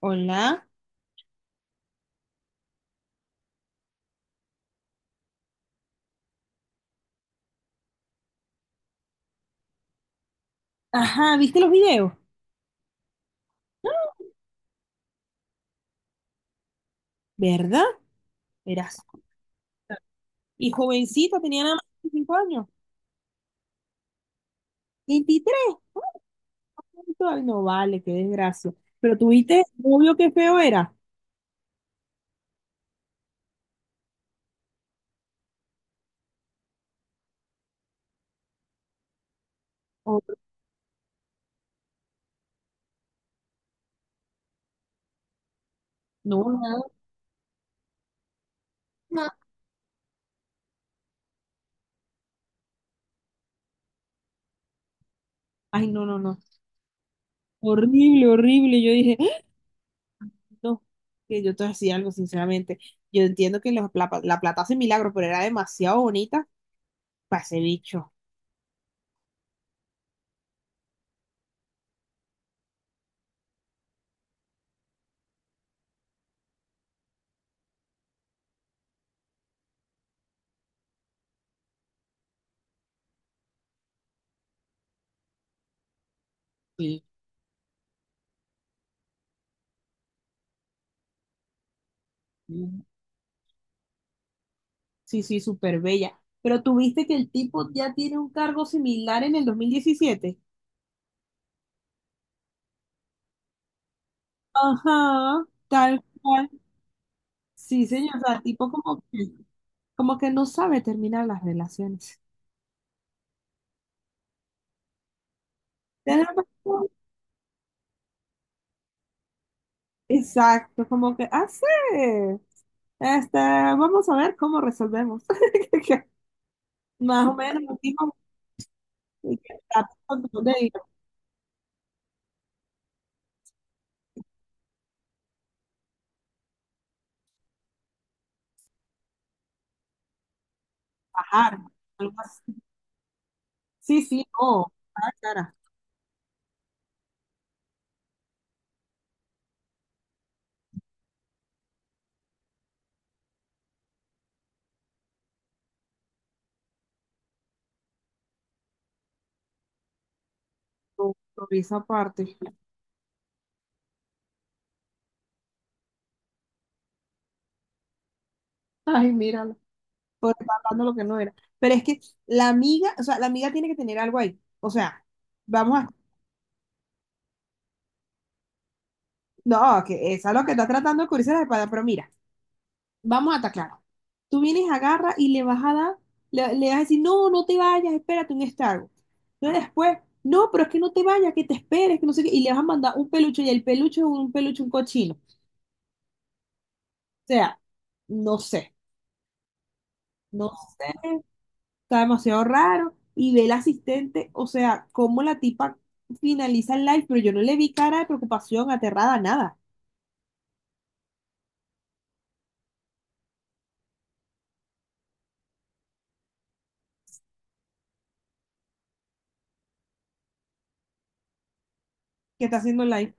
Hola, Ajá, ¿viste los videos? ¡Ah! ¿Verdad? Verás. Y jovencita, tenía nada más 25 años. 23. Ay, no vale, qué desgracia. Pero tuviste novio, qué feo era. Hor- no, nada. No. Ay, no, no, no. Horrible, horrible. Yo dije, ¡Ah! No, que yo te decía algo, sinceramente. Yo entiendo que la plata hace milagros, pero era demasiado bonita para ese bicho. Sí. Sí, sí, súper bella. Pero tuviste que el tipo ya tiene un cargo similar en el 2017. Ajá, tal cual. Sí, señor. O sea, tipo como que no sabe terminar las relaciones. Tiene razón. Exacto, como que ah sí. Vamos a ver cómo resolvemos. Más o menos, un tipo que está tratando de bajar. Algo así. Sí, sí, no. Ah, cara, con esa parte. Ay, míralo. Por estar hablando lo que no era. Pero es que la amiga, o sea, la amiga tiene que tener algo ahí. O sea, vamos a. No, que esa es lo que está tratando de cubrirse la espalda, pero mira, vamos a estar claro. Tú vienes, agarra y le vas a dar, le vas a decir, no, no te vayas, espérate un Starbucks. Entonces después, no, pero es que no te vayas, que te esperes, que no sé qué, y le vas a mandar un peluche y el peluche es un peluche, un cochino. O sea, no sé, no sé, está demasiado raro. Y ve el asistente, o sea, cómo la tipa finaliza el live, pero yo no le vi cara de preocupación, aterrada, nada. ¿Qué está haciendo el live?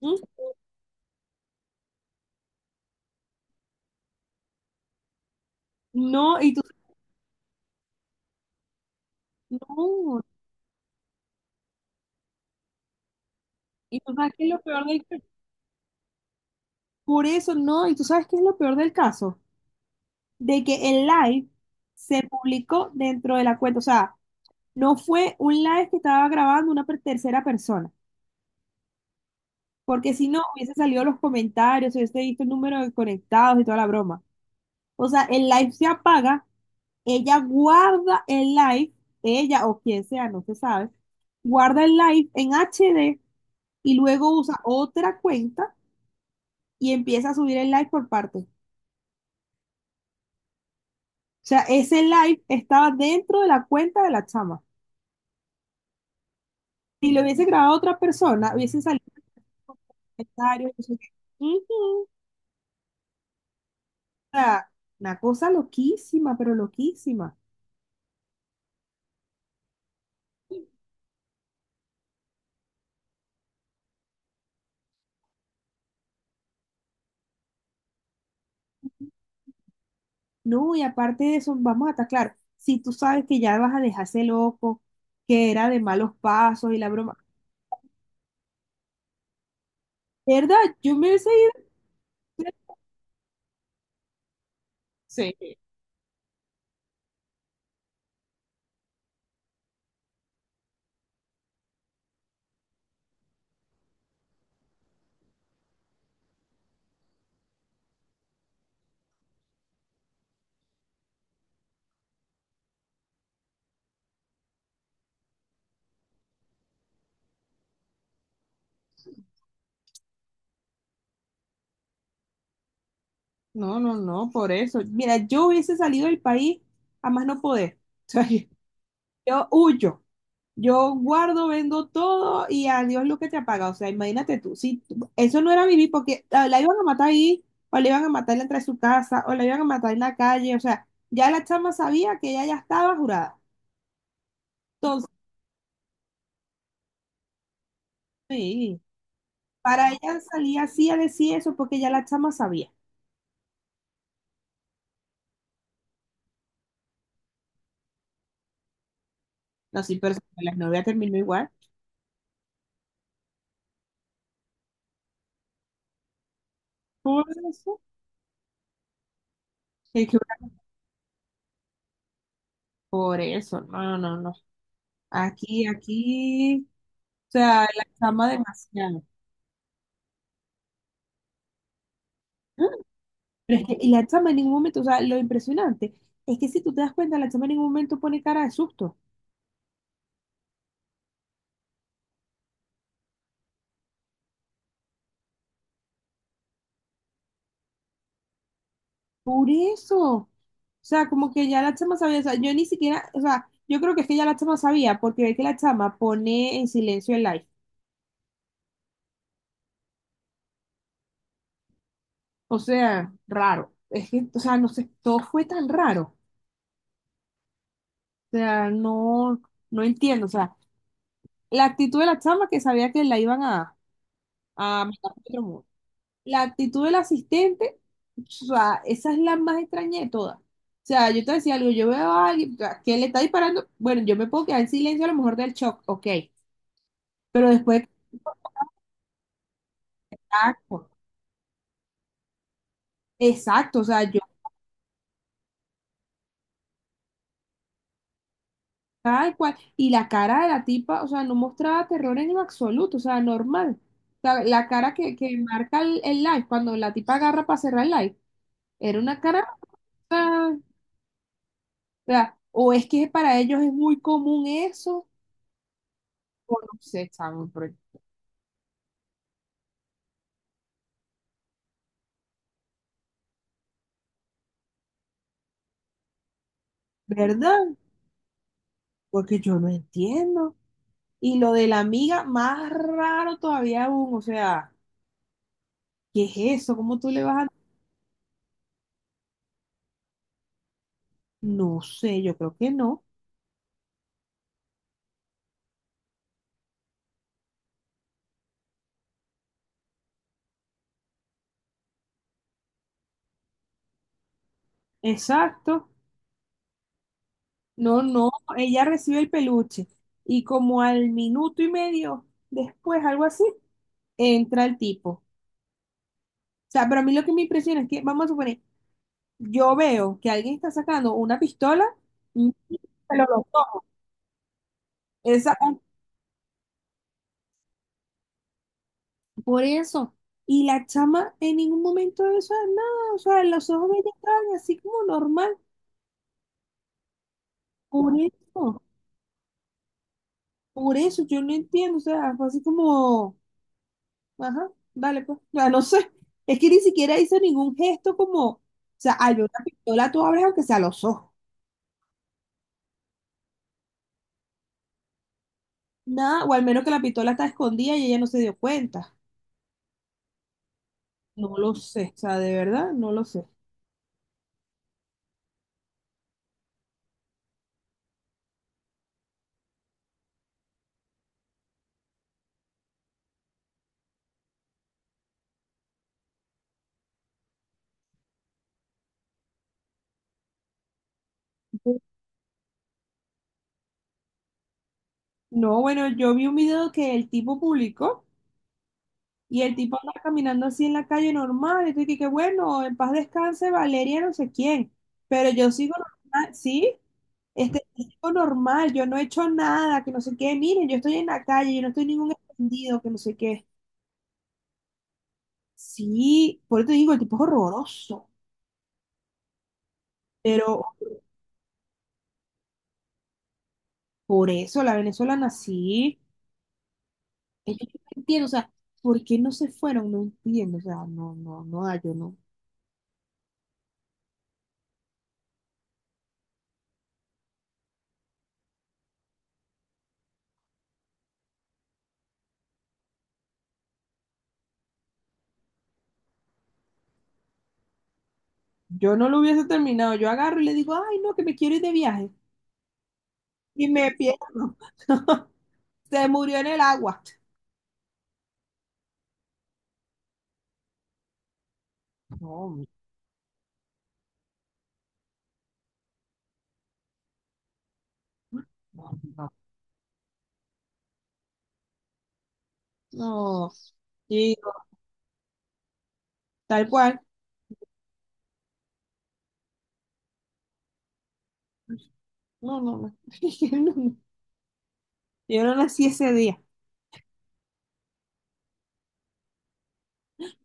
¿Mm? No, y tú, no, y tú sabes qué es lo peor del caso. Por eso, no, y tú sabes qué es lo peor del caso. De que el live se publicó dentro de la cuenta, o sea, no fue un live que estaba grabando una tercera persona, porque si no hubiese salido los comentarios, hubiese visto el número de conectados y toda la broma. O sea, el live se apaga. Ella guarda el live, ella o quien sea, no se sabe, guarda el live en HD y luego usa otra cuenta y empieza a subir el live por parte. O sea, ese live estaba dentro de la cuenta de la chama. Si lo hubiese grabado otra persona, hubiese salido comentarios. No sé qué. Ujú. O sea, una cosa loquísima, pero loquísima. No, y aparte de eso, vamos a estar claro, si tú sabes que ya vas a dejarse loco, que era de malos pasos y la broma. ¿Verdad? Yo me hubiese ido. Sí. No, no, no, por eso. Mira, yo hubiese salido del país a más no poder. O sea, yo huyo. Yo guardo, vendo todo y adiós lo que te apaga. O sea, imagínate tú. Eso no era vivir porque ah, la iban a matar ahí, o la iban a matar dentro de su casa, o la iban a matar en la calle. O sea, ya la chama sabía que ella ya estaba jurada. Entonces, sí, para ella salía así a decir eso porque ya la chama sabía. No, sí, pero la novia terminó igual. Por eso. Por eso, no, no, no. Aquí, aquí, o sea, la chama demasiado. ¿Mm? Pero es que, y la chama en ningún momento, o sea, lo impresionante es que si tú te das cuenta, la chama en ningún momento pone cara de susto. Por eso. O sea, como que ya la chama sabía, o sea, yo ni siquiera, o sea, yo creo que es que ya la chama sabía, porque ve que la chama pone en silencio el live. O sea, raro. Es que, o sea, no sé, todo fue tan raro. O sea, no, no entiendo. O sea, la actitud de la chama que sabía que la iban a Ah, me por otro mundo. La actitud del asistente, o sea, esa es la más extraña de todas. O sea, yo te decía algo, yo veo a alguien a que le está disparando, bueno, yo me puedo quedar en silencio a lo mejor del shock, ok, pero después, exacto, exacto, o sea, yo tal cual, y la cara de la tipa, o sea, no mostraba terror en lo absoluto, o sea, normal. O sea, la cara que marca el live, cuando la tipa agarra para cerrar el live, era una cara, o sea, o es que para ellos es muy común eso. O no sé, examen, ¿verdad? Porque yo no entiendo. Y lo de la amiga, más raro todavía aún, o sea, ¿qué es eso? ¿Cómo tú le vas a...? No sé, yo creo que no. Exacto. No, no, ella recibe el peluche. Y como al minuto y medio después, algo así, entra el tipo. O sea, pero a mí lo que me impresiona es que, vamos a suponer, yo veo que alguien está sacando una pistola, y pero los dos, esa- Por eso. Y la chama en ningún momento de eso, nada, o sea, los ojos de ella estaban así como normal. Por eso, por eso, yo no entiendo, o sea, fue así como, ajá, vale, pues, ya no sé. Es que ni siquiera hizo ningún gesto como, o sea, al ver una pistola tú abres aunque sea los ojos. Nada, o al menos que la pistola está escondida y ella no se dio cuenta. No lo sé, o sea, de verdad, no lo sé. No, bueno, yo vi un video que el tipo publicó. Y el tipo anda caminando así en la calle normal. Y tú dices que bueno, en paz descanse Valeria, no sé quién. Pero yo sigo normal, sí, yo sigo normal, yo no he hecho nada, que no sé qué. Miren, yo estoy en la calle, yo no estoy en ningún escondido, que no sé qué. Sí, por eso te digo, el tipo es horroroso. Pero por eso la venezolana sí. Es que yo no entiendo, o sea, ¿por qué no se fueron? No entiendo, o sea, no, no, no, da, yo no. Yo no lo hubiese terminado. Yo agarro y le digo, ay, no, que me quiero ir de viaje. Y me pierdo. Se murió en el agua. No, no, no. No. Y tal cual. No, no, no. Yo no yo no nací ese día.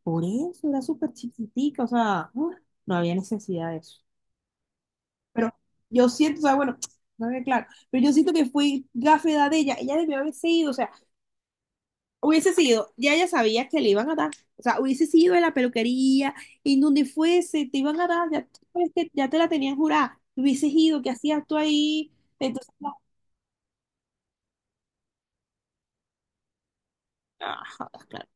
Por eso era súper chiquitica, o sea, ¡ah! No había necesidad de eso. Pero yo siento, o sea, bueno, no había claro, pero yo siento que fui gafe de edad de ella, ella debió haberse ido, o sea, hubiese sido, ya ella sabía que le iban a dar. O sea, hubiese sido en la peluquería, y en donde fuese, te iban a dar, ya, tú sabes que ya te la tenían jurada. Hubieses ido, ¿qué hacías tú ahí? Entonces, no, ah, jodas, claro.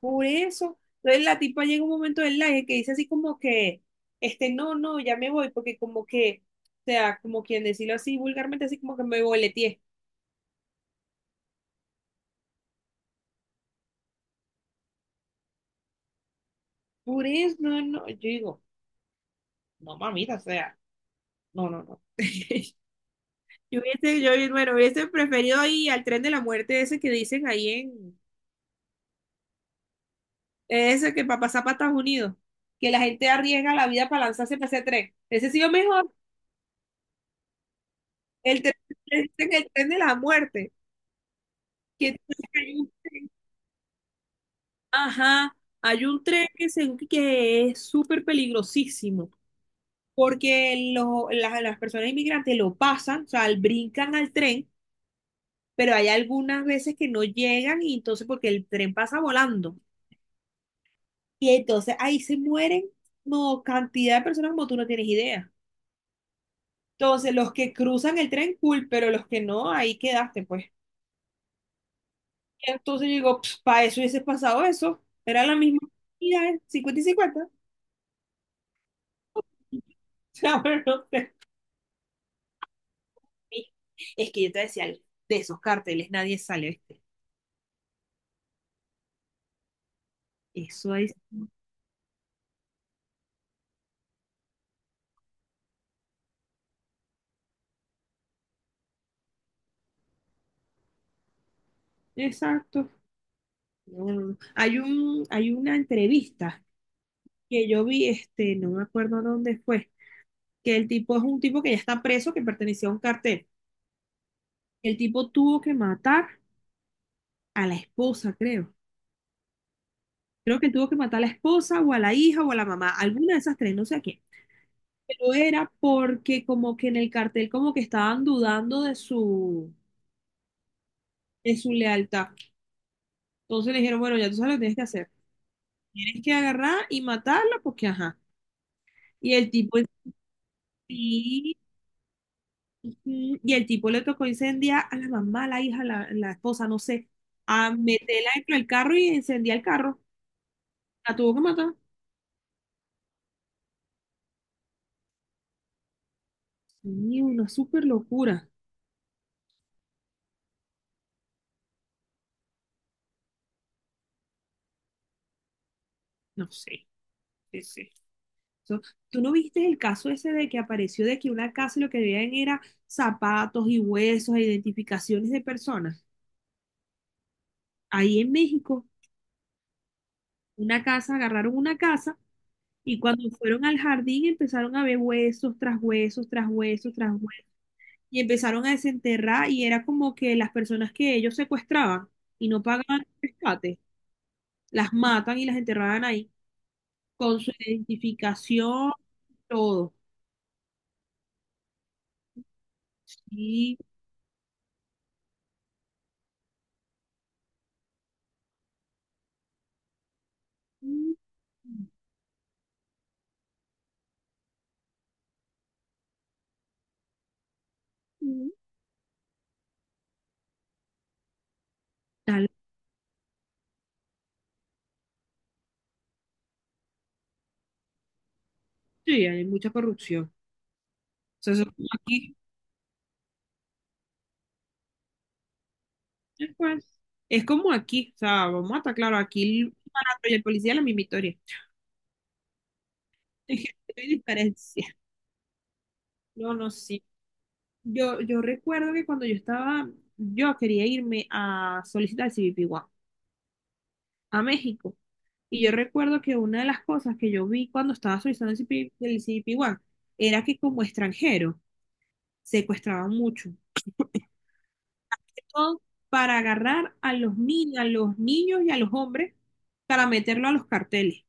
Por eso, entonces la tipa llega un momento del live que dice así como que, no, no, ya me voy, porque como que, o sea, como quien decirlo así vulgarmente, así como que me boleteé. Por eso, no, no, yo digo, no, mamita, o sea, no, no, no. Yo hubiese, yo, bueno, hubiese preferido ir al tren de la muerte ese que dicen ahí en, ese que para pasar para Estados Unidos, que la gente arriesga la vida para lanzarse para ese tren. Ese ha sido mejor, el tren, dicen el tren de la muerte, que entonces hay un- ajá, hay un tren que, que es súper peligrosísimo, porque las personas inmigrantes lo pasan, o sea, brincan al tren, pero hay algunas veces que no llegan y entonces porque el tren pasa volando. Y entonces ahí se mueren no, cantidad de personas como tú no tienes idea. Entonces, los que cruzan el tren, cool, pero los que no, ahí quedaste, pues. Y entonces yo digo, para eso hubiese pasado eso. Era la misma cantidad, 50 y cincuenta. O sea, pero no sé. Es que yo te decía algo, de esos carteles nadie sale, ¿viste? Eso es. Exacto. No, no, no. Hay una entrevista que yo vi, no me acuerdo dónde fue, que el tipo es un tipo que ya está preso, que pertenecía a un cartel. El tipo tuvo que matar a la esposa, creo. Creo que tuvo que matar a la esposa o a la hija o a la mamá, alguna de esas tres, no sé a quién. Pero era porque como que en el cartel como que estaban dudando de su lealtad. Entonces le dijeron, bueno, ya tú sabes lo que tienes que hacer. Tienes que agarrar y matarla porque ajá. Y el tipo sí, ujú, y el tipo le tocó incendiar a la mamá, a la hija, a la esposa, no sé, a meterla dentro del carro y incendiar el carro. La tuvo que matar. Sí, una súper locura. No sé, ese. Eso- ¿Tú no viste el caso ese de que apareció de que una casa y lo que veían era zapatos y huesos e identificaciones de personas? Ahí en México, una casa, agarraron una casa y cuando fueron al jardín empezaron a ver huesos tras huesos, tras huesos, tras huesos y empezaron a desenterrar y era como que las personas que ellos secuestraban y no pagaban el rescate, las matan y las enterraban ahí con su identificación, todo. Sí. Tal- sí, hay mucha corrupción. O sea, eso es como aquí, pues, es como aquí, o sea, vamos a estar claro, aquí el barato y el policía es la misma historia. No hay diferencia. No, no, sí. Yo recuerdo que cuando yo estaba, yo quería irme a solicitar el CBP1 a México. Y yo recuerdo que una de las cosas que yo vi cuando estaba solicitando el CBP1 era que como extranjero secuestraban mucho. Son para agarrar a los, a los niños y a los hombres para meterlo a los carteles.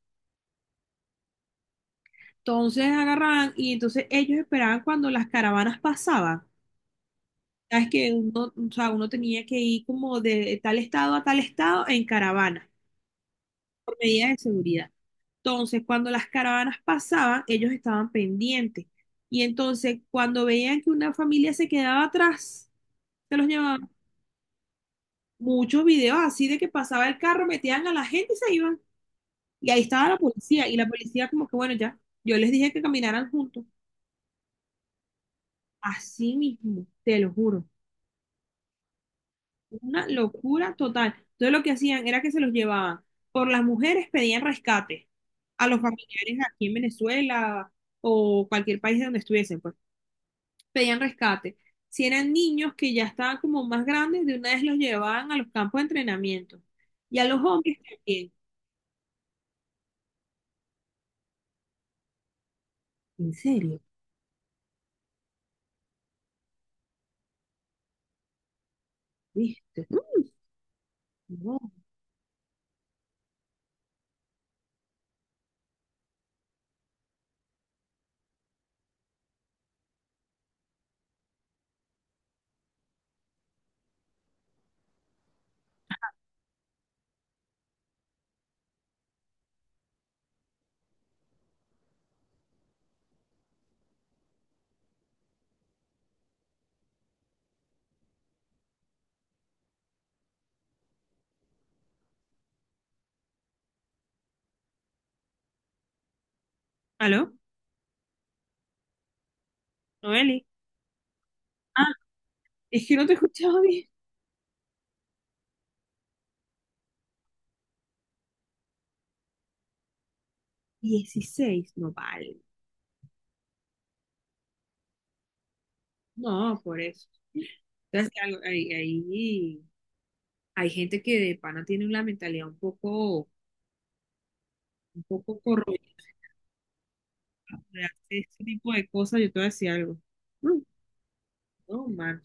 Entonces agarraban y entonces ellos esperaban cuando las caravanas pasaban. Sabes que uno, o sea, uno tenía que ir como de tal estado a tal estado en caravana por medidas de seguridad. Entonces, cuando las caravanas pasaban, ellos estaban pendientes. Y entonces, cuando veían que una familia se quedaba atrás, se los llevaban. Muchos videos así de que pasaba el carro, metían a la gente y se iban. Y ahí estaba la policía, y la policía como que, bueno, ya, yo les dije que caminaran juntos, así mismo, te lo juro, una locura total. Entonces lo que hacían era que se los llevaban, por las mujeres pedían rescate a los familiares aquí en Venezuela o cualquier país de donde estuviesen, pues, pedían rescate. Si eran niños que ya estaban como más grandes, de una vez los llevaban a los campos de entrenamiento. Y a los hombres también. ¿En serio? ¿Viste? No. ¿Aló? Noeli. Ah, es que no te escuchaba bien. 16 no vale. No, por eso. Entonces, que algo- hay gente que de pana tiene una mentalidad un poco corroída de hacer este tipo de cosas. Yo te voy a decir algo. No, no, man.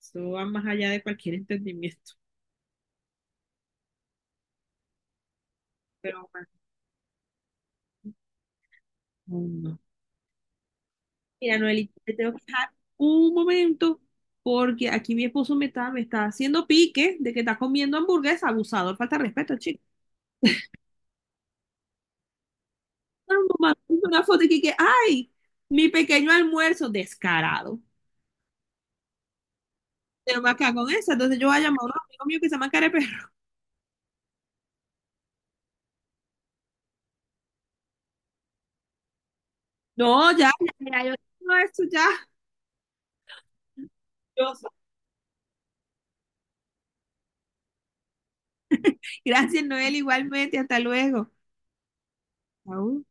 Esto va más allá de cualquier entendimiento. Pero, man, no, no. Mira, Noelita, te tengo que dejar un momento porque aquí mi esposo me está haciendo pique de que está comiendo hamburguesa. Abusador, falta de respeto, chico. Mamá, una foto y ay, mi pequeño almuerzo, descarado. Pero me acá con esa, entonces yo voy a llamar a un amigo mío que se llama Careperro. No, ya, ya, ya, yo no, esto ya. Yo- Gracias, Noel, igualmente, hasta luego. Au.